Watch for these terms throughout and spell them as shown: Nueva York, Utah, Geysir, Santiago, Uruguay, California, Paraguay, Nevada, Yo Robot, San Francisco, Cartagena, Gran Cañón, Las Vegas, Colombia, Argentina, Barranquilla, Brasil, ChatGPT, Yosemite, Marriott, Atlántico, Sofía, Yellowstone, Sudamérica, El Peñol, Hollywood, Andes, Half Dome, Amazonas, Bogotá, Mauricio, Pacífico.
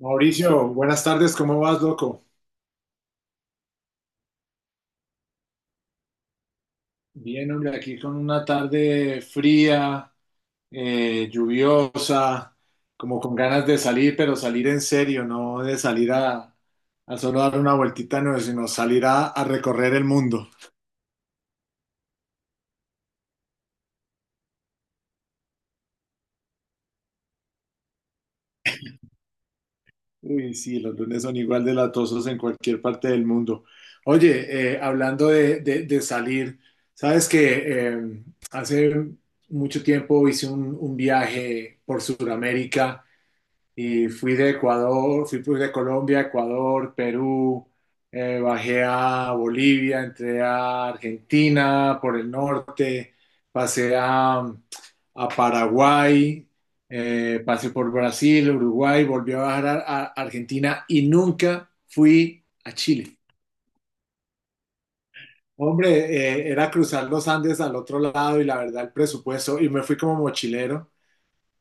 Mauricio, buenas tardes, ¿cómo vas, loco? Bien, hombre, aquí con una tarde fría, lluviosa, como con ganas de salir, pero salir en serio, no de salir a, solo dar una vueltita, no, sino salir a, recorrer el mundo. Uy, sí, los lunes son igual de latosos en cualquier parte del mundo. Oye, hablando de, de salir, sabes que hace mucho tiempo hice un viaje por Sudamérica. Y fui de Ecuador, fui pues de Colombia, Ecuador, Perú, bajé a Bolivia, entré a Argentina por el norte, pasé a Paraguay, pasé por Brasil, Uruguay, volví a bajar a Argentina y nunca fui a Chile. Hombre, era cruzar los Andes al otro lado y la verdad el presupuesto, y me fui como mochilero.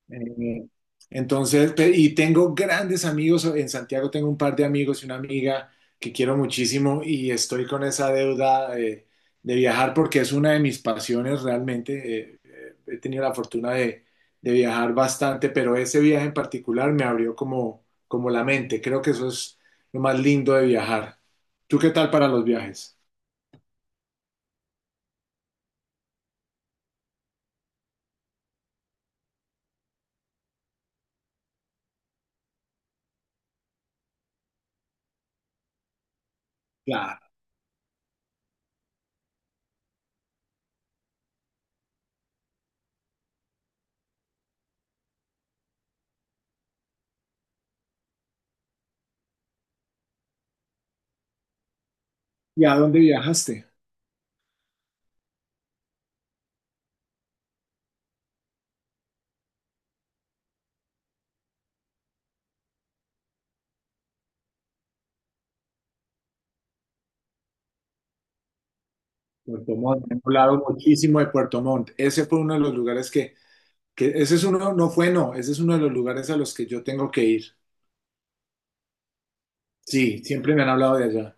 Eh, y tengo grandes amigos, en Santiago tengo un par de amigos y una amiga que quiero muchísimo y estoy con esa deuda de viajar porque es una de mis pasiones realmente. He tenido la fortuna de viajar bastante, pero ese viaje en particular me abrió como, como la mente. Creo que eso es lo más lindo de viajar. ¿Tú qué tal para los viajes? Claro. ¿Y a dónde viajaste? Puerto Montt. Hemos hablado muchísimo de Puerto Montt. Ese fue uno de los lugares que ese es uno, no fue no, ese es uno de los lugares a los que yo tengo que ir. Sí, siempre me han hablado de allá.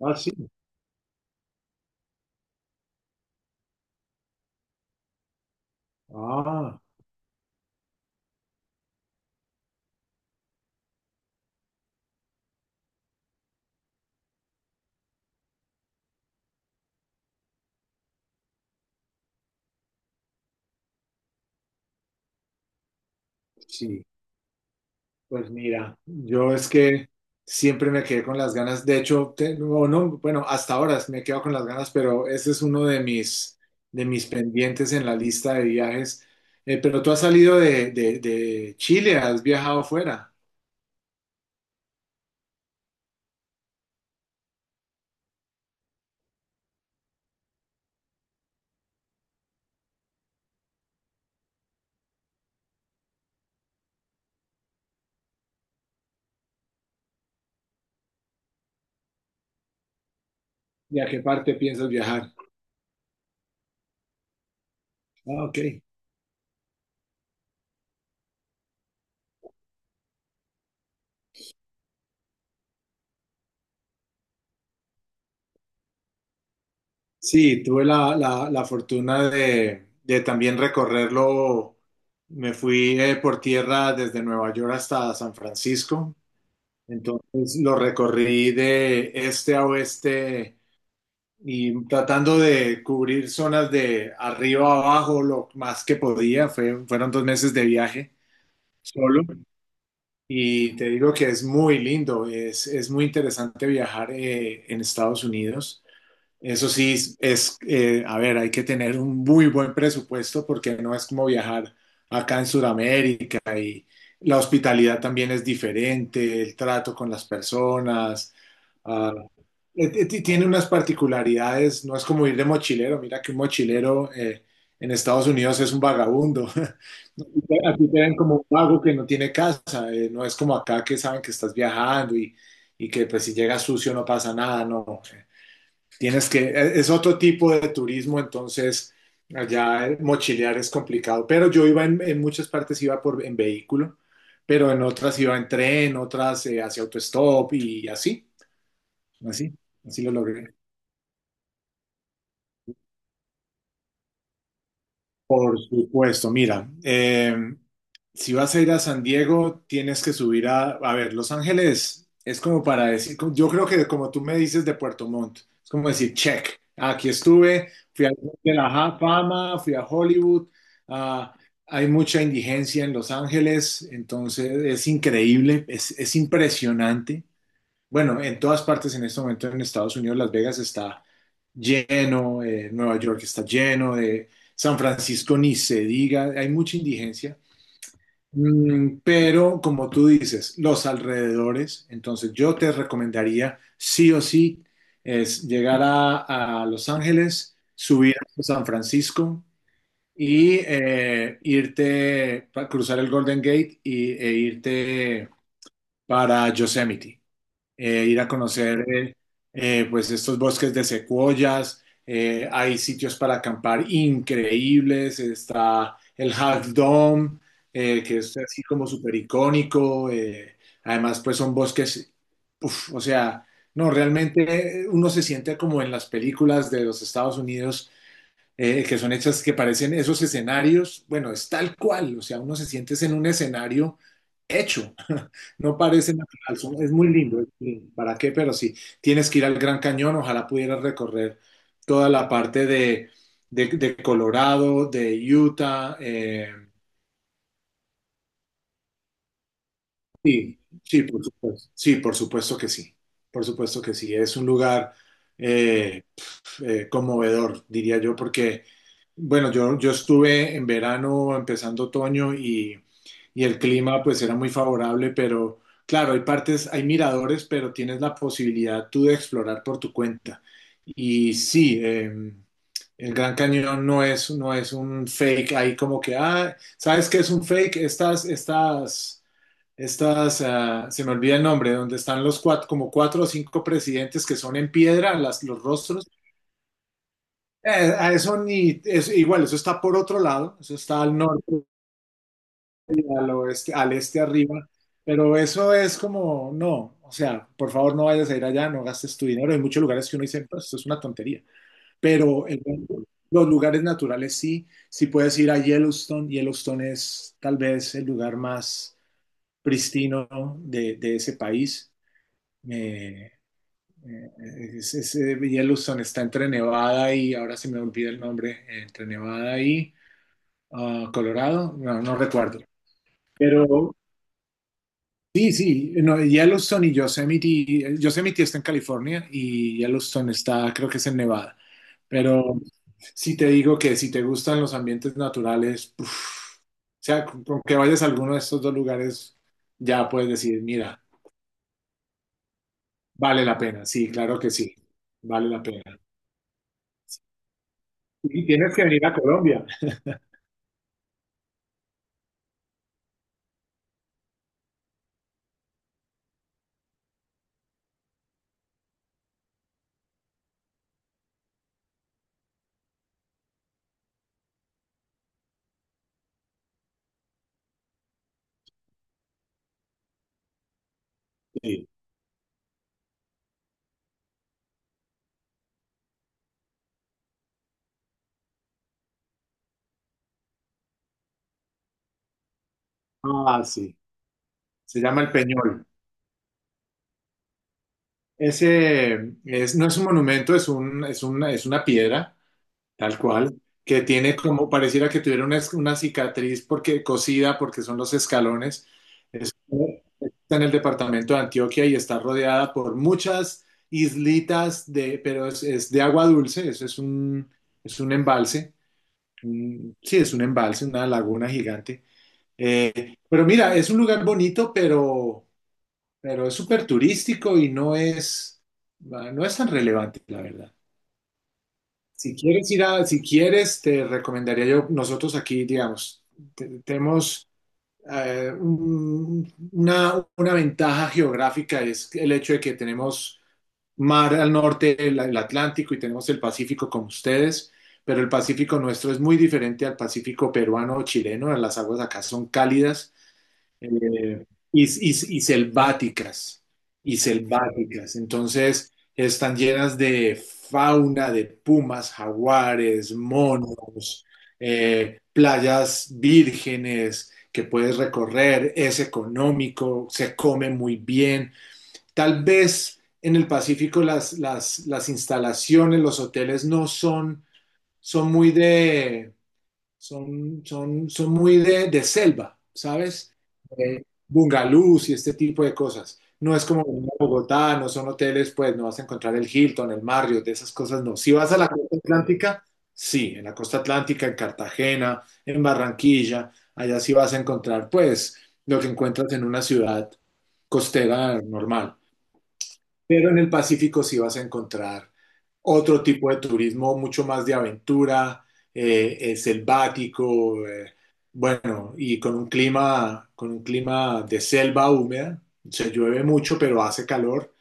Ah, sí. Ah, sí. Pues mira, yo es que siempre me quedé con las ganas. De hecho, no, no, bueno, hasta ahora me quedo con las ganas, pero ese es uno de mis pendientes en la lista de viajes. Pero tú has salido de Chile, has viajado fuera. ¿Y a qué parte piensas viajar? Ah, ok. Sí, tuve la, la fortuna de también recorrerlo. Me fui por tierra desde Nueva York hasta San Francisco. Entonces lo recorrí de este a oeste y tratando de cubrir zonas de arriba a abajo lo más que podía. Fueron dos meses de viaje solo. Y te digo que es muy lindo, es muy interesante viajar en Estados Unidos. Eso sí, es, a ver, hay que tener un muy buen presupuesto porque no es como viajar acá en Sudamérica. La hospitalidad también es diferente, el trato con las personas, ah, tiene unas particularidades, no es como ir de mochilero, mira que un mochilero en Estados Unidos es un vagabundo. Aquí te ven como un vago que no tiene casa, no es como acá que saben que estás viajando y que pues si llegas sucio no pasa nada, no. Tienes que, e, es otro tipo de turismo, entonces allá mochilear es complicado. Pero yo iba en muchas partes, iba por, en vehículo, pero en otras iba en tren, otras hacia autostop y así, así, así lo logré. Por supuesto, mira, si vas a ir a San Diego, tienes que subir a ver, Los Ángeles es como para decir, yo creo que como tú me dices de Puerto Montt, es como decir, check, aquí estuve, fui a de la Fama, fui a Hollywood, ah, hay mucha indigencia en Los Ángeles, entonces es increíble, es impresionante. Bueno, en todas partes en este momento en Estados Unidos, Las Vegas está lleno, Nueva York está lleno, de San Francisco ni se diga, hay mucha indigencia. Mm, pero como tú dices, los alrededores, entonces yo te recomendaría sí o sí es llegar a Los Ángeles, subir a San Francisco y irte, cruzar el Golden Gate y, e irte para Yosemite, ir a conocer pues estos bosques de secuoyas, hay sitios para acampar increíbles, está el Half Dome, que es así como súper icónico, además pues son bosques, uf, o sea, no, realmente uno se siente como en las películas de los Estados Unidos que son hechas que parecen esos escenarios, bueno, es tal cual, o sea, uno se siente en un escenario hecho, no parece natural, es muy lindo, es muy lindo. ¿Para qué? Pero sí, tienes que ir al Gran Cañón, ojalá pudieras recorrer toda la parte de, de Colorado, de Utah, sí, sí, por supuesto que sí, por supuesto que sí, es un lugar... eh, conmovedor, diría yo, porque, bueno, yo estuve en verano, empezando otoño y el clima pues era muy favorable, pero claro, hay partes, hay miradores, pero tienes la posibilidad tú de explorar por tu cuenta. Y sí, el Gran Cañón no es, no es un fake ahí como que, ah, ¿sabes qué es un fake? Estas, estas, estas, ah, se me olvida el nombre, donde están los cuatro, como cuatro o cinco presidentes que son en piedra, las, los rostros, a eso ni, es, igual, eso está por otro lado, eso está al norte, al oeste, al este arriba, pero eso es como, no, o sea, por favor no vayas a ir allá, no gastes tu dinero. Hay muchos lugares que uno dice, pues esto es una tontería, pero los lugares naturales sí, sí puedes ir a Yellowstone. Yellowstone es tal vez el lugar más pristino de ese país. Eh, eh, Yellowstone está entre Nevada y, ahora se me olvida el nombre, entre Nevada y... ah, Colorado, no, no recuerdo. Pero sí, sí, no, Yellowstone y Yosemite, Yosemite está en California y Yellowstone está, creo que es en Nevada. Pero sí te digo que si te gustan los ambientes naturales, uf, o sea, con que vayas a alguno de estos dos lugares, ya puedes decir, mira, vale la pena. Sí, claro que sí, vale la pena. Y tienes que venir a Colombia. Sí. Ah, sí. Se llama El Peñol. Ese es, no es un monumento, es un, es una piedra, tal cual, que tiene como pareciera que tuviera una cicatriz porque cosida, porque son los escalones. Es- está en el departamento de Antioquia y está rodeada por muchas islitas de, pero es de agua dulce, eso es un embalse, sí, es un embalse, una laguna gigante. Pero mira, es un lugar bonito, pero es súper turístico y no es, no es tan relevante, la verdad. Si quieres ir a, si quieres, te recomendaría yo, nosotros aquí, digamos, tenemos una ventaja geográfica, es el hecho de que tenemos mar al norte, el Atlántico, y tenemos el Pacífico como ustedes, pero el Pacífico nuestro es muy diferente al Pacífico peruano o chileno, las aguas acá son cálidas, eh, y, y selváticas, y selváticas. Entonces, están llenas de fauna, de pumas, jaguares, monos, playas vírgenes que puedes recorrer, es económico, se come muy bien. Tal vez en el Pacífico las instalaciones, los hoteles no son, son muy de son, son, son muy de selva, ¿sabes? Eh, bungalús y este tipo de cosas. No es como venir a Bogotá, no son hoteles, pues no vas a encontrar el Hilton, el Marriott, de esas cosas, no. Si vas a la costa atlántica, sí, en la costa atlántica, en Cartagena, en Barranquilla, allá sí vas a encontrar, pues, lo que encuentras en una ciudad costera normal. Pero en el Pacífico sí vas a encontrar otro tipo de turismo, mucho más de aventura, selvático, bueno, y con un clima de selva húmeda. Se llueve mucho, pero hace calor.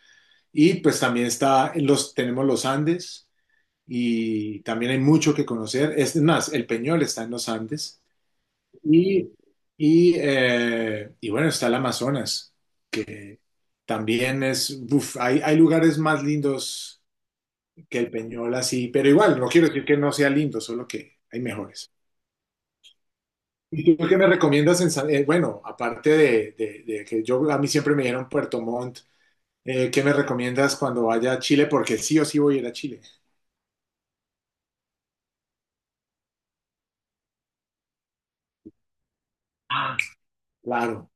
Y pues también está en los, tenemos los Andes y también hay mucho que conocer. Es más, el Peñol está en los Andes. Y, y bueno, está el Amazonas, que también es, uf, hay lugares más lindos que el Peñol, así, pero igual, no quiero decir que no sea lindo, solo que hay mejores. ¿Y tú qué me recomiendas en bueno, aparte de, de que yo, a mí siempre me dieron Puerto Montt, ¿qué me recomiendas cuando vaya a Chile? Porque sí o sí voy a ir a Chile. Ah, claro.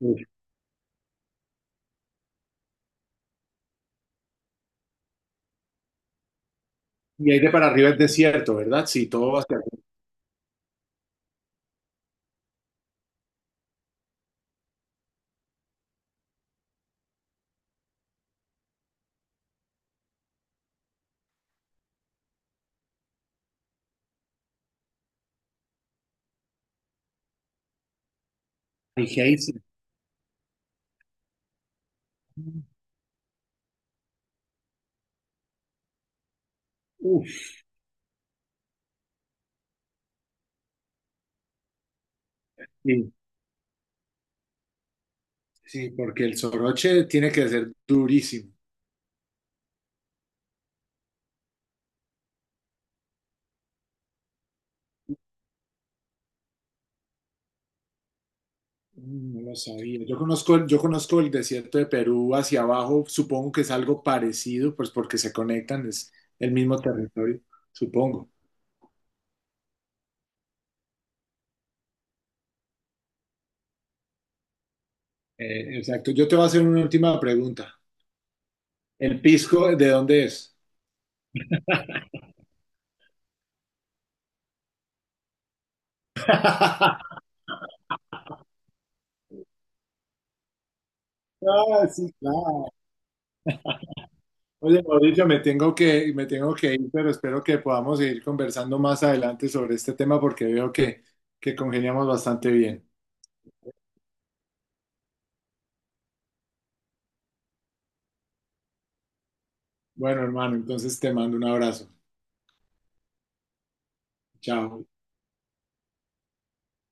Uf. Y ahí de para arriba es desierto, ¿verdad? Sí, todo hacia... Y Geysir. Uf, sí. Sí, porque el soroche tiene que ser durísimo. Mm, no lo sabía. Yo conozco, yo conozco el desierto de Perú hacia abajo, supongo que es algo parecido, pues porque se conectan, es el mismo territorio, supongo. Exacto. Yo te voy a hacer una última pregunta. ¿El pisco de dónde es? Ah, sí, claro. Oye, Mauricio, me tengo que ir, pero espero que podamos seguir conversando más adelante sobre este tema porque veo que congeniamos bastante bien. Bueno, hermano, entonces te mando un abrazo. Chao.